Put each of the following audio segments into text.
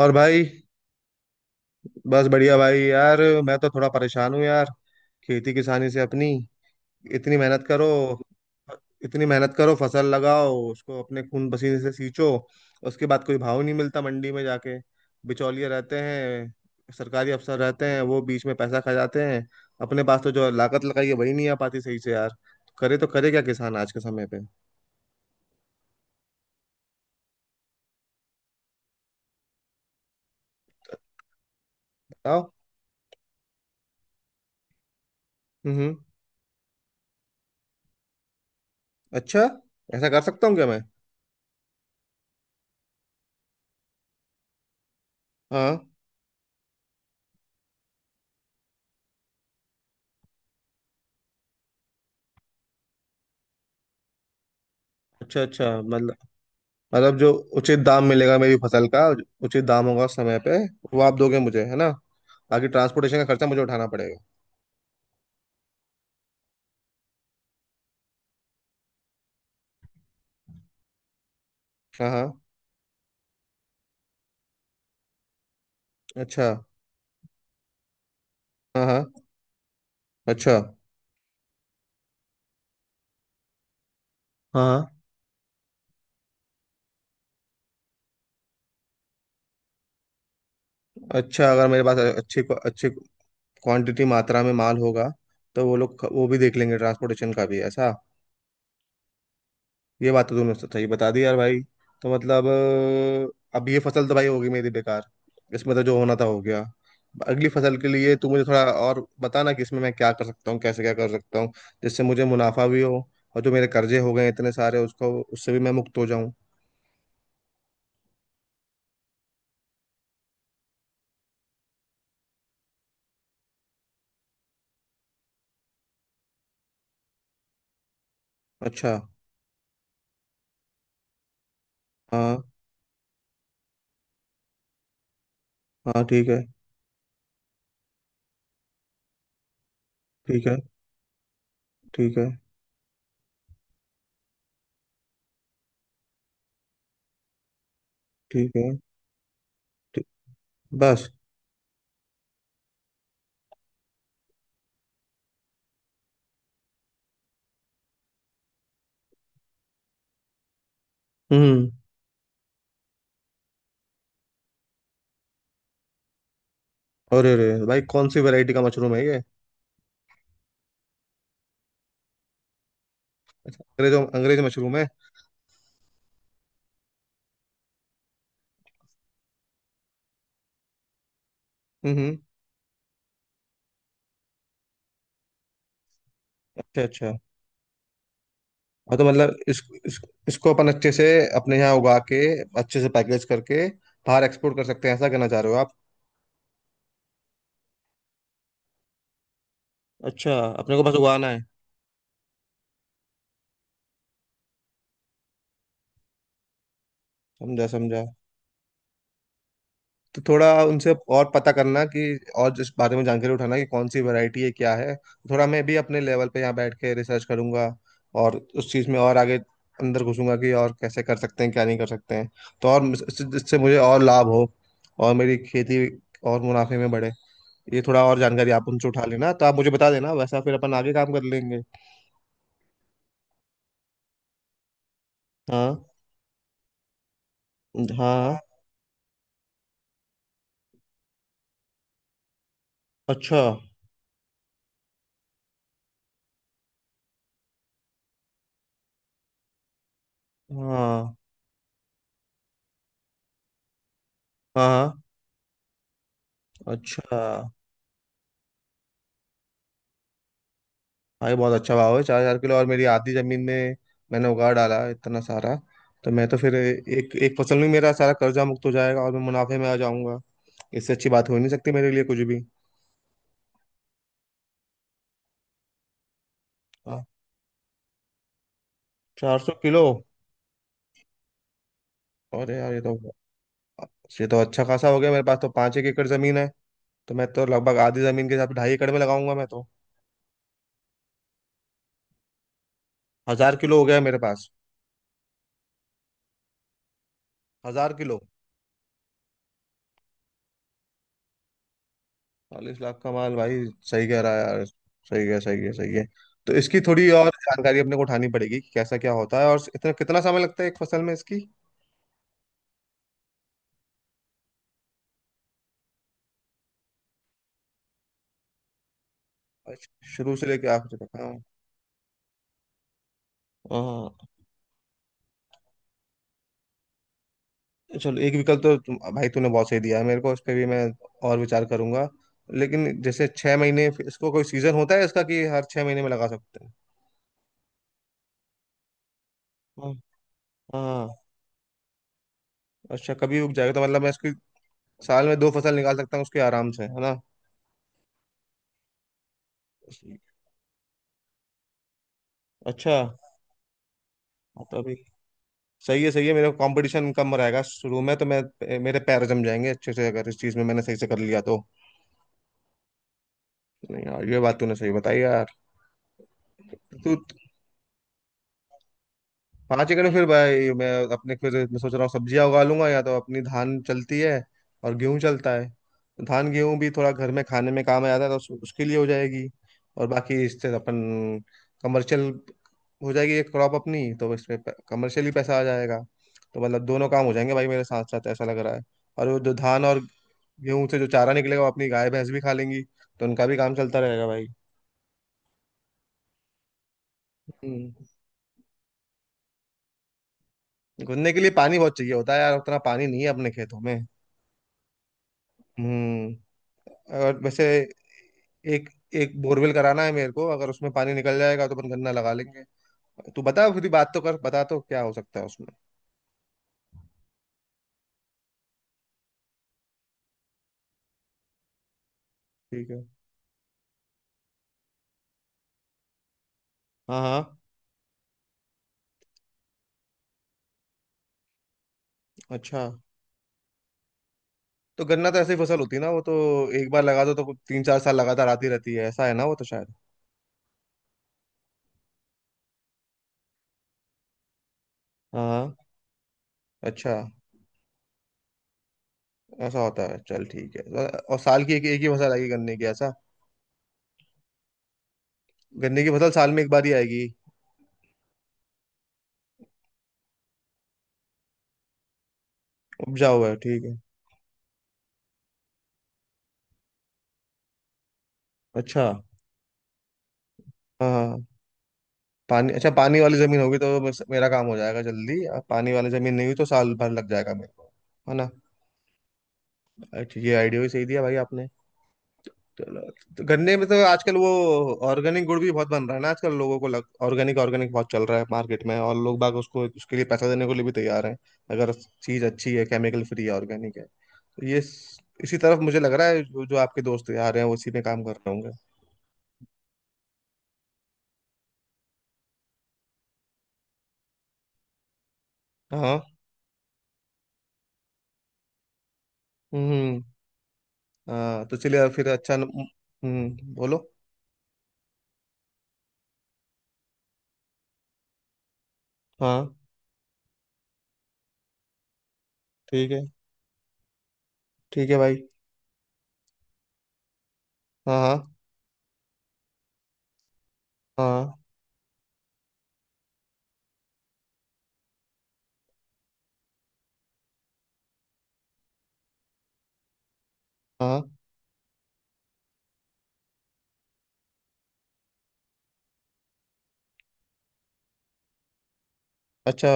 और भाई। बस बढ़िया भाई यार, मैं तो थोड़ा परेशान हूँ यार। खेती किसानी से अपनी। इतनी मेहनत करो, इतनी मेहनत करो, फसल लगाओ उसको अपने खून पसीने से सींचो, उसके बाद कोई भाव नहीं मिलता मंडी में जाके। बिचौलिए रहते हैं, सरकारी अफसर रहते हैं, वो बीच में पैसा खा जाते हैं। अपने पास तो जो लागत लगाई है वही नहीं आ पाती सही से यार। करे तो करे क्या किसान आज के समय पे, बताओ। हम्म हम्म। अच्छा, ऐसा कर सकता हूँ क्या मैं? हाँ। अच्छा अच्छा, मतलब, मतलब जो उचित दाम मिलेगा मेरी फसल का, उचित दाम होगा समय पे, वो आप दोगे मुझे, है ना? बाकी ट्रांसपोर्टेशन का खर्चा मुझे उठाना पड़ेगा। हाँ हाँ। अच्छा। हाँ हाँ। अच्छा। हाँ हाँ। अच्छा, अगर मेरे पास अच्छी अच्छी क्वांटिटी मात्रा में माल होगा, तो वो लोग वो भी देख लेंगे ट्रांसपोर्टेशन का भी, ऐसा? ये बात तो तुमने सही बता दी यार भाई। तो मतलब अब ये फसल तो भाई होगी मेरी बेकार, इसमें तो जो होना था हो गया। अगली फसल के लिए तू मुझे थोड़ा और बताना कि इसमें मैं क्या कर सकता हूँ, कैसे क्या कर सकता हूँ, जिससे मुझे मुनाफा भी हो और जो मेरे कर्जे हो गए हैं इतने सारे उसको उससे भी मैं मुक्त हो जाऊं। अच्छा। हाँ। हाँ ठीक है। ठीक है। ठीक है। ठीक है। ठीक। बस। हम्म। अरे अरे भाई, कौन सी वैरायटी का मशरूम है ये? अच्छा, अंग्रेज अंग्रेज मशरूम है। हम्म हम्म, अच्छा अच्छा। हाँ तो मतलब इस, इसको अपन अच्छे से अपने यहाँ उगा के अच्छे से पैकेज करके बाहर एक्सपोर्ट कर सकते हैं, ऐसा कहना चाह रहे हो आप? अच्छा, अपने को बस उगाना है। समझा समझा, तो थोड़ा उनसे और पता करना कि और इस बारे में जानकारी उठाना कि कौन सी वैरायटी है क्या है। थोड़ा मैं भी अपने लेवल पे यहाँ बैठ के रिसर्च करूंगा और उस चीज़ में और आगे अंदर घुसूंगा कि और कैसे कर सकते हैं क्या नहीं कर सकते हैं। तो और इससे इससे मुझे और लाभ हो और मेरी खेती और मुनाफे में बढ़े। ये थोड़ा और जानकारी आप उनसे उठा लेना तो आप मुझे बता देना, वैसा फिर अपन आगे काम कर लेंगे। हाँ हाँ। हाँ, अच्छा। हाँ हाँ। हाँ, अच्छा। भाई बहुत अच्छा भाव है, 4000 किलो, और मेरी आधी जमीन में मैंने उगा डाला है इतना सारा, तो मैं तो फिर एक एक फसल में मेरा सारा कर्जा मुक्त हो जाएगा और मैं मुनाफे में आ जाऊंगा। इससे अच्छी बात हो ही नहीं सकती मेरे लिए कुछ भी। हाँ। 400 किलो। अरे यार ये तो, ये तो अच्छा खासा हो गया, मेरे पास तो पाँच एक एकड़ जमीन है, तो मैं तो लगभग आधी जमीन के हिसाब से 2.5 एकड़ में लगाऊंगा मैं तो। 1000 किलो हो गया मेरे पास। 1000 किलो। 40 लाख का माल भाई। सही कह रहा है यार, सही है, सही है, सही है। तो इसकी थोड़ी और जानकारी अपने को उठानी पड़ेगी कि कैसा क्या होता है और इतना कितना समय लगता है एक फसल में इसकी। अच्छा, शुरू से लेके आखिर तक, हाँ। हाँ। चलो, एक विकल्प तो भाई तूने बहुत सही दिया है मेरे को, इस पे भी मैं और विचार करूंगा, लेकिन जैसे 6 महीने, इसको कोई सीजन होता है इसका कि हर 6 महीने में लगा सकते हैं? हाँ हाँ, अच्छा कभी उग जाएगा तो मतलब मैं इसकी साल में दो फसल निकाल सकता हूँ उसके आराम से, है ना? अच्छा। हाँ, तो अभी, सही है, सही है, मेरा कंपटीशन कम रहेगा शुरू में तो मैं, मेरे पैर जम जाएंगे अच्छे से अगर इस चीज में मैंने सही से कर लिया तो। नहीं यार, ये बात तूने सही बताई यार। तू पाँच एकड़ में फिर भाई मैं, अपने फिर मैं सोच रहा हूँ सब्जियां उगा लूंगा, या तो अपनी धान चलती है और गेहूं चलता है। धान गेहूं भी थोड़ा घर में खाने में काम आ जाता है तो उसके लिए हो जाएगी। और बाकी इससे अपन कमर्शियल हो जाएगी एक क्रॉप अपनी, तो इसमें कमर्शियली पैसा आ जाएगा। तो मतलब दोनों काम हो जाएंगे भाई मेरे साथ साथ, ऐसा लग रहा है। और वो जो धान और गेहूं से जो चारा निकलेगा वो अपनी गाय भैंस भी खा लेंगी तो उनका भी काम चलता रहेगा भाई। हम्म। घूमने के लिए पानी बहुत चाहिए होता है यार, उतना पानी नहीं है अपने खेतों में। हम्म। और वैसे एक एक बोरवेल कराना है मेरे को, अगर उसमें पानी निकल जाएगा तो अपन गन्ना लगा लेंगे। तू बता फिर, बात तो कर, बता तो क्या हो सकता है उसमें। ठीक है। हाँ हाँ। अच्छा। तो गन्ना तो ऐसी फसल होती है ना, वो तो एक बार लगा दो तो कुछ तीन चार साल लगातार आती रहती है, ऐसा है ना वो तो शायद। हाँ। अच्छा। ऐसा होता है, चल ठीक है। और साल की एक एक ही फसल आएगी गन्ने की, ऐसा? गन्ने की फसल साल में एक बार ही आएगी? उपजाऊ है, ठीक है। अच्छा। हाँ हाँ। पानी, अच्छा पानी वाली जमीन होगी तो बस मेरा काम हो जाएगा जल्दी, अब पानी वाली जमीन नहीं हुई तो साल भर लग जाएगा मेरे को, है ना? अच्छा, ये आइडिया भी सही दिया भाई आपने। चलो। तो गन्ने में तो आजकल वो ऑर्गेनिक गुड़ भी बहुत बन रहा है ना आजकल, लोगों को लग, ऑर्गेनिक ऑर्गेनिक बहुत चल रहा है मार्केट में और लोग बाग उसको उसके लिए पैसा देने के लिए भी तैयार हैं अगर चीज़ अच्छी है, केमिकल फ्री है, ऑर्गेनिक है। तो ये इसी तरफ मुझे लग रहा है, जो जो आपके दोस्त यार हैं वो इसी में काम कर रहे होंगे। हाँ। हम्म। हाँ तो चलिए फिर, अच्छा बोलो। हाँ। ठीक है। ठीक है भाई। हाँ हाँ। हाँ हाँ। अच्छा,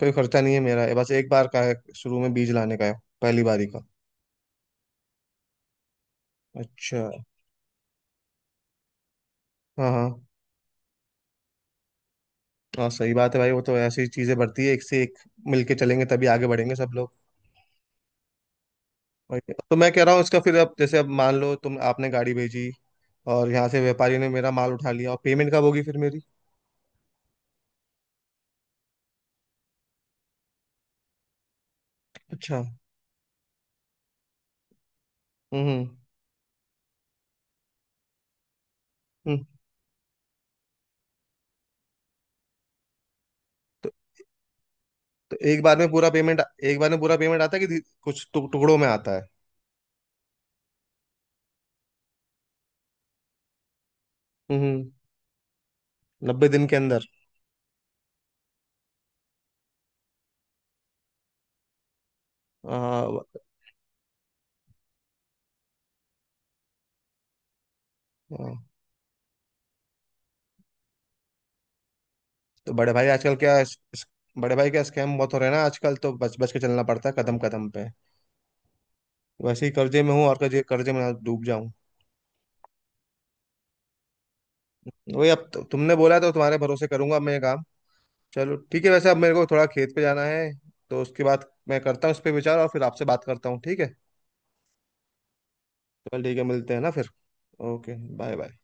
कोई खर्चा नहीं है मेरा, ये बस एक बार का है शुरू में बीज लाने का है, पहली बारी का। अच्छा। हाँ हाँ। हाँ सही बात है भाई, वो तो ऐसी चीजें बढ़ती है एक से एक, मिलके चलेंगे तभी आगे बढ़ेंगे सब लोग। और तो मैं कह रहा हूँ इसका, फिर अब जैसे, अब मान लो तुम, आपने गाड़ी भेजी और यहाँ से व्यापारी ने मेरा माल उठा लिया, और पेमेंट कब होगी फिर मेरी? अच्छा। हम्म हम्म। तो तो एक बार में पूरा पेमेंट, एक बार में पूरा पेमेंट आता है कि कुछ टुकड़ों में आता है? हम्म। 90 दिन के अंदर? आ, आ, तो बड़े भाई आजकल क्या बड़े भाई क्या स्कैम बहुत हो रहे हैं ना आजकल, तो बच बच के चलना पड़ता है कदम कदम पे। वैसे ही कर्जे में हूँ, और कर्जे कर्जे में ना डूब जाऊं। वही अब तुमने बोला तो तुम्हारे भरोसे करूंगा मैं ये काम। चलो ठीक है, वैसे अब मेरे को थोड़ा खेत पे जाना है तो उसके बाद मैं करता हूँ इस पे विचार और फिर आपसे बात करता हूँ, ठीक है। चल ठीक है, मिलते हैं ना फिर। Okay bye bye.